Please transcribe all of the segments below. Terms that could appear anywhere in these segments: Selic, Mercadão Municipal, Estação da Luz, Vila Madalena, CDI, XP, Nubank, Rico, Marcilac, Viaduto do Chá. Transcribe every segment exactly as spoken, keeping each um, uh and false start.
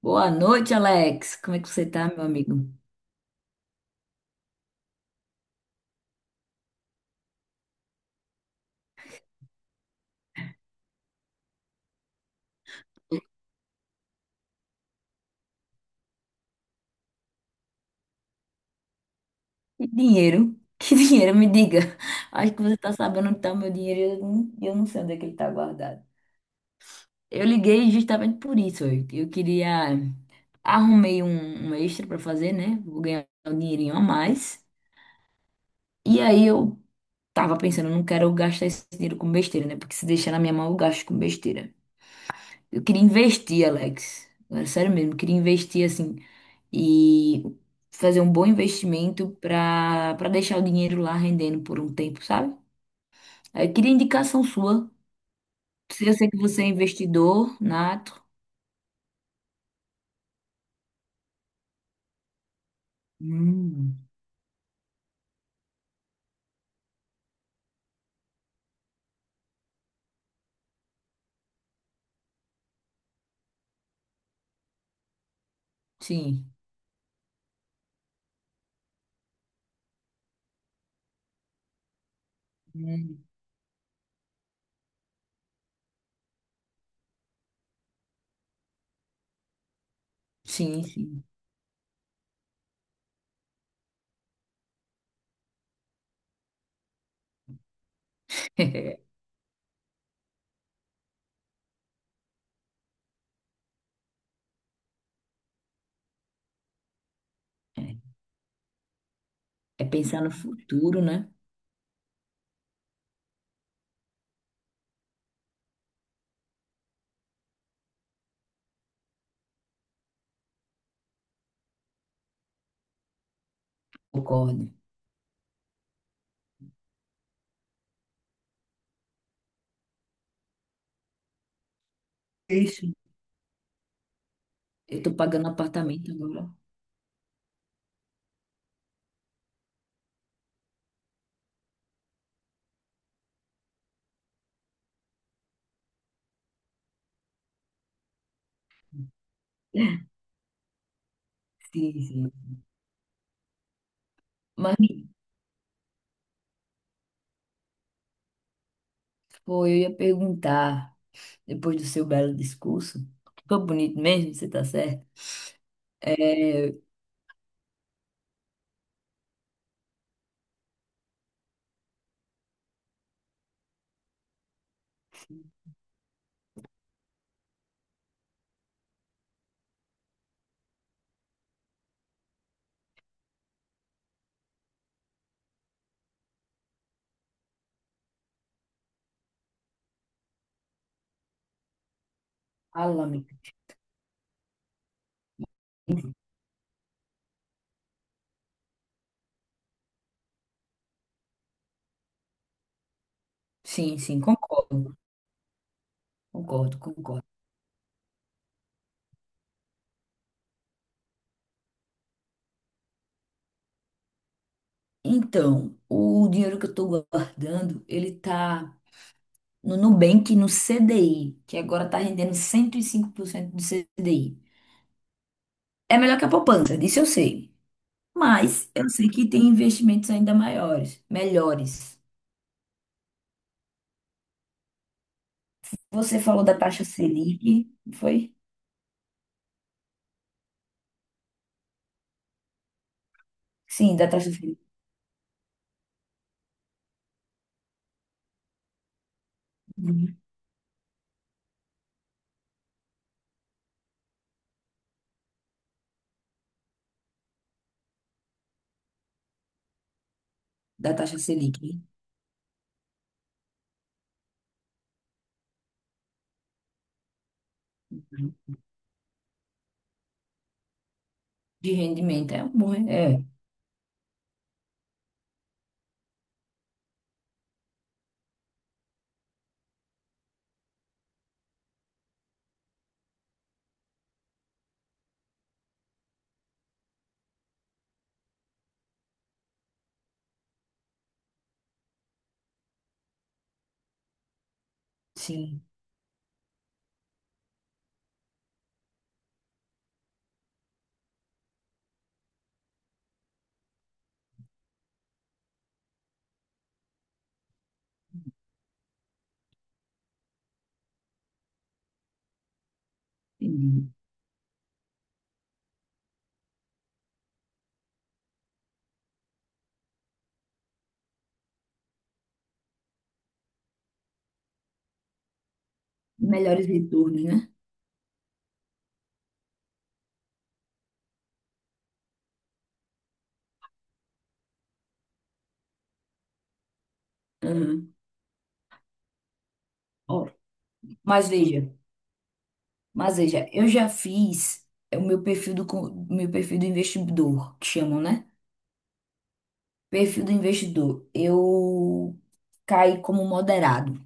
Boa noite, Alex. Como é que você tá, meu amigo? Que dinheiro? Que dinheiro? Me diga. Acho que você tá sabendo onde tá o meu dinheiro e eu não, eu não sei onde é que ele tá guardado. Eu liguei justamente por isso. Eu, eu queria... Arrumei um, um extra pra fazer, né? Vou ganhar um dinheirinho a mais. E aí eu tava pensando, eu não quero gastar esse dinheiro com besteira, né? Porque se deixar na minha mão, eu gasto com besteira. Eu queria investir, Alex. Agora, sério mesmo, eu queria investir, assim... e fazer um bom investimento para para deixar o dinheiro lá rendendo por um tempo, sabe? Aí eu queria indicação sua. Se eu sei que você é investidor nato. Hum. Sim. Hum. Sim, sim. É. É pensar no futuro, né? Concordo. É isso. Eu tô pagando apartamento agora. Sim, sim. Mas, pô, eu ia perguntar, depois do seu belo discurso, ficou bonito mesmo, você tá certo? É, fala-me. Sim, sim, concordo, concordo, concordo. Então, o dinheiro que eu estou guardando, ele tá no Nubank, no C D I, que agora tá rendendo cento e cinco por cento do C D I. É melhor que a poupança, disso eu sei. Mas eu sei que tem investimentos ainda maiores, melhores. Você falou da taxa Selic, não foi? Sim, da taxa Selic. Uhum. Da taxa Selic. Uhum. De rendimento, é um bom, é, sim, entendi. Melhores retornos, né? Uhum. Mas veja, mas veja, eu já fiz é, o meu perfil do co- meu perfil do investidor, que chamam, né? Perfil do investidor. Eu caí como moderado.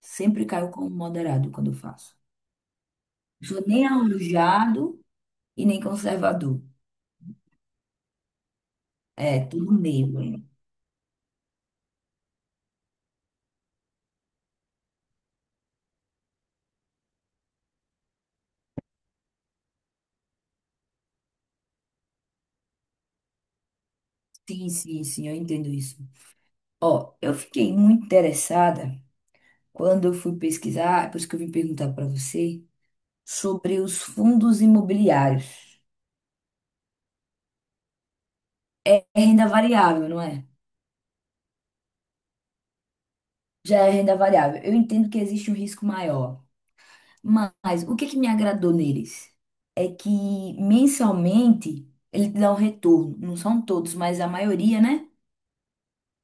Sempre caio como moderado quando eu faço. Não sou nem arrojado e nem conservador. É, tudo meio. É. Sim, sim, sim, eu entendo isso. Ó, eu fiquei muito interessada quando eu fui pesquisar, é por isso que eu vim perguntar para você, sobre os fundos imobiliários. É renda variável, não é? Já é renda variável. Eu entendo que existe um risco maior, mas o que que me agradou neles é que mensalmente ele te dá um retorno. Não são todos, mas a maioria, né?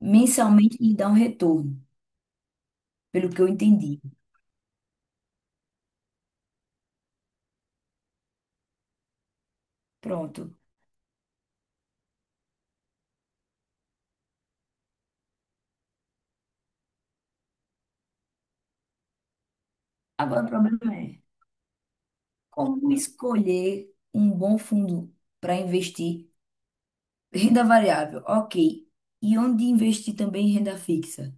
Mensalmente ele dá um retorno, pelo que eu entendi. Pronto. Agora o problema é como escolher um bom fundo para investir? Renda variável, ok. E onde investir também em renda fixa?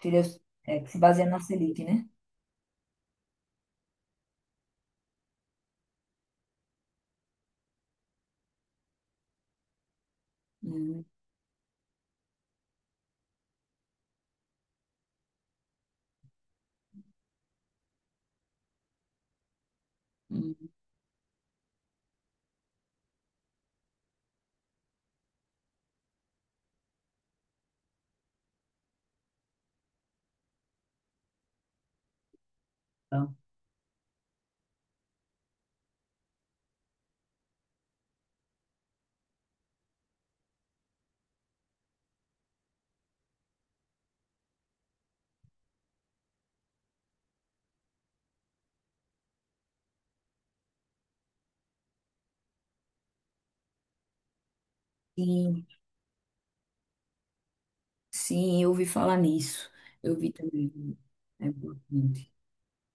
Seria, é, que se baseia na Selic, né? Hum, hum. Então. Sim, eu ouvi falar nisso. Eu vi também. É importante.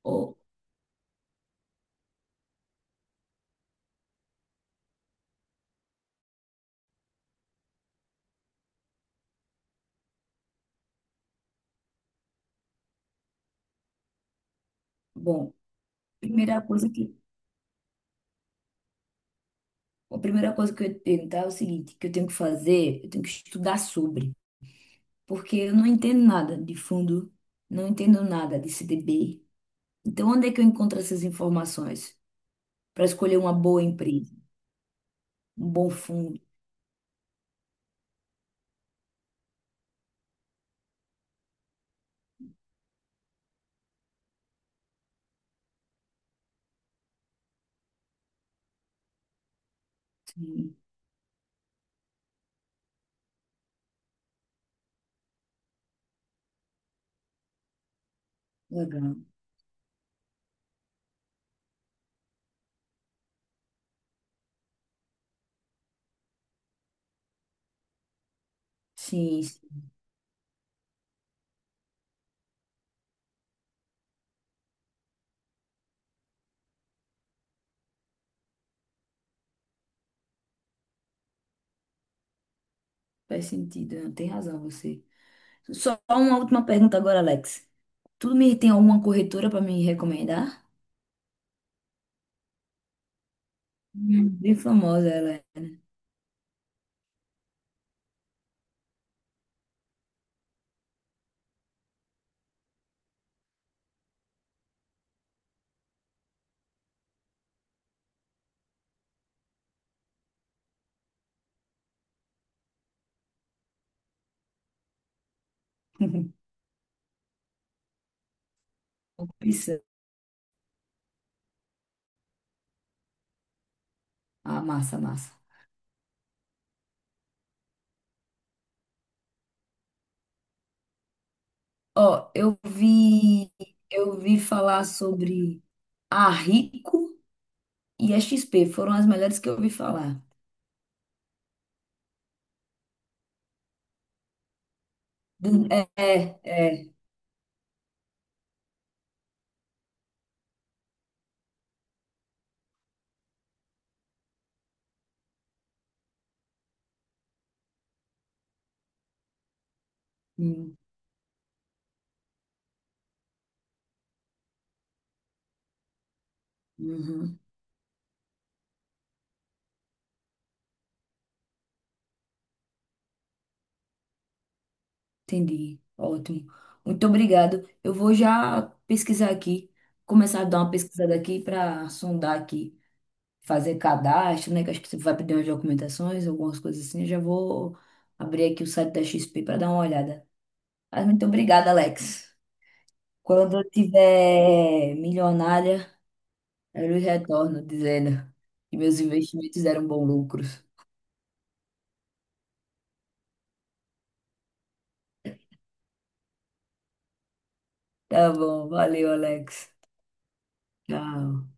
Oh, bom, primeira coisa que, a primeira coisa que eu ia te perguntar é o seguinte, que eu tenho que fazer, eu tenho que estudar sobre, porque eu não entendo nada de fundo, não entendo nada de C D B. Então, onde é que eu encontro essas informações para escolher uma boa empresa, um bom fundo? Sim, legal. Sim, sim, faz sentido, tem razão você. Só uma última pergunta agora, Alex. Tu me tem alguma corretora para me recomendar? Hum, Bem famosa ela é, né? Opção. Ah, massa, massa. Ó, eu vi, eu vi falar sobre a Rico e a X P, foram as melhores que eu ouvi falar. Do- é, é, é. Hum, uhum, entendi. Ótimo. Muito obrigado. Eu vou já pesquisar aqui, começar a dar uma pesquisada aqui para sondar aqui, fazer cadastro, né? Que acho que você vai pedir umas documentações, algumas coisas assim. Eu já vou abrir aqui o site da X P para dar uma olhada. Mas muito obrigada, Alex. Quando eu tiver milionária, eu lhe retorno dizendo que meus investimentos deram bons lucros. Tá bom, valeu, Alex. Tchau.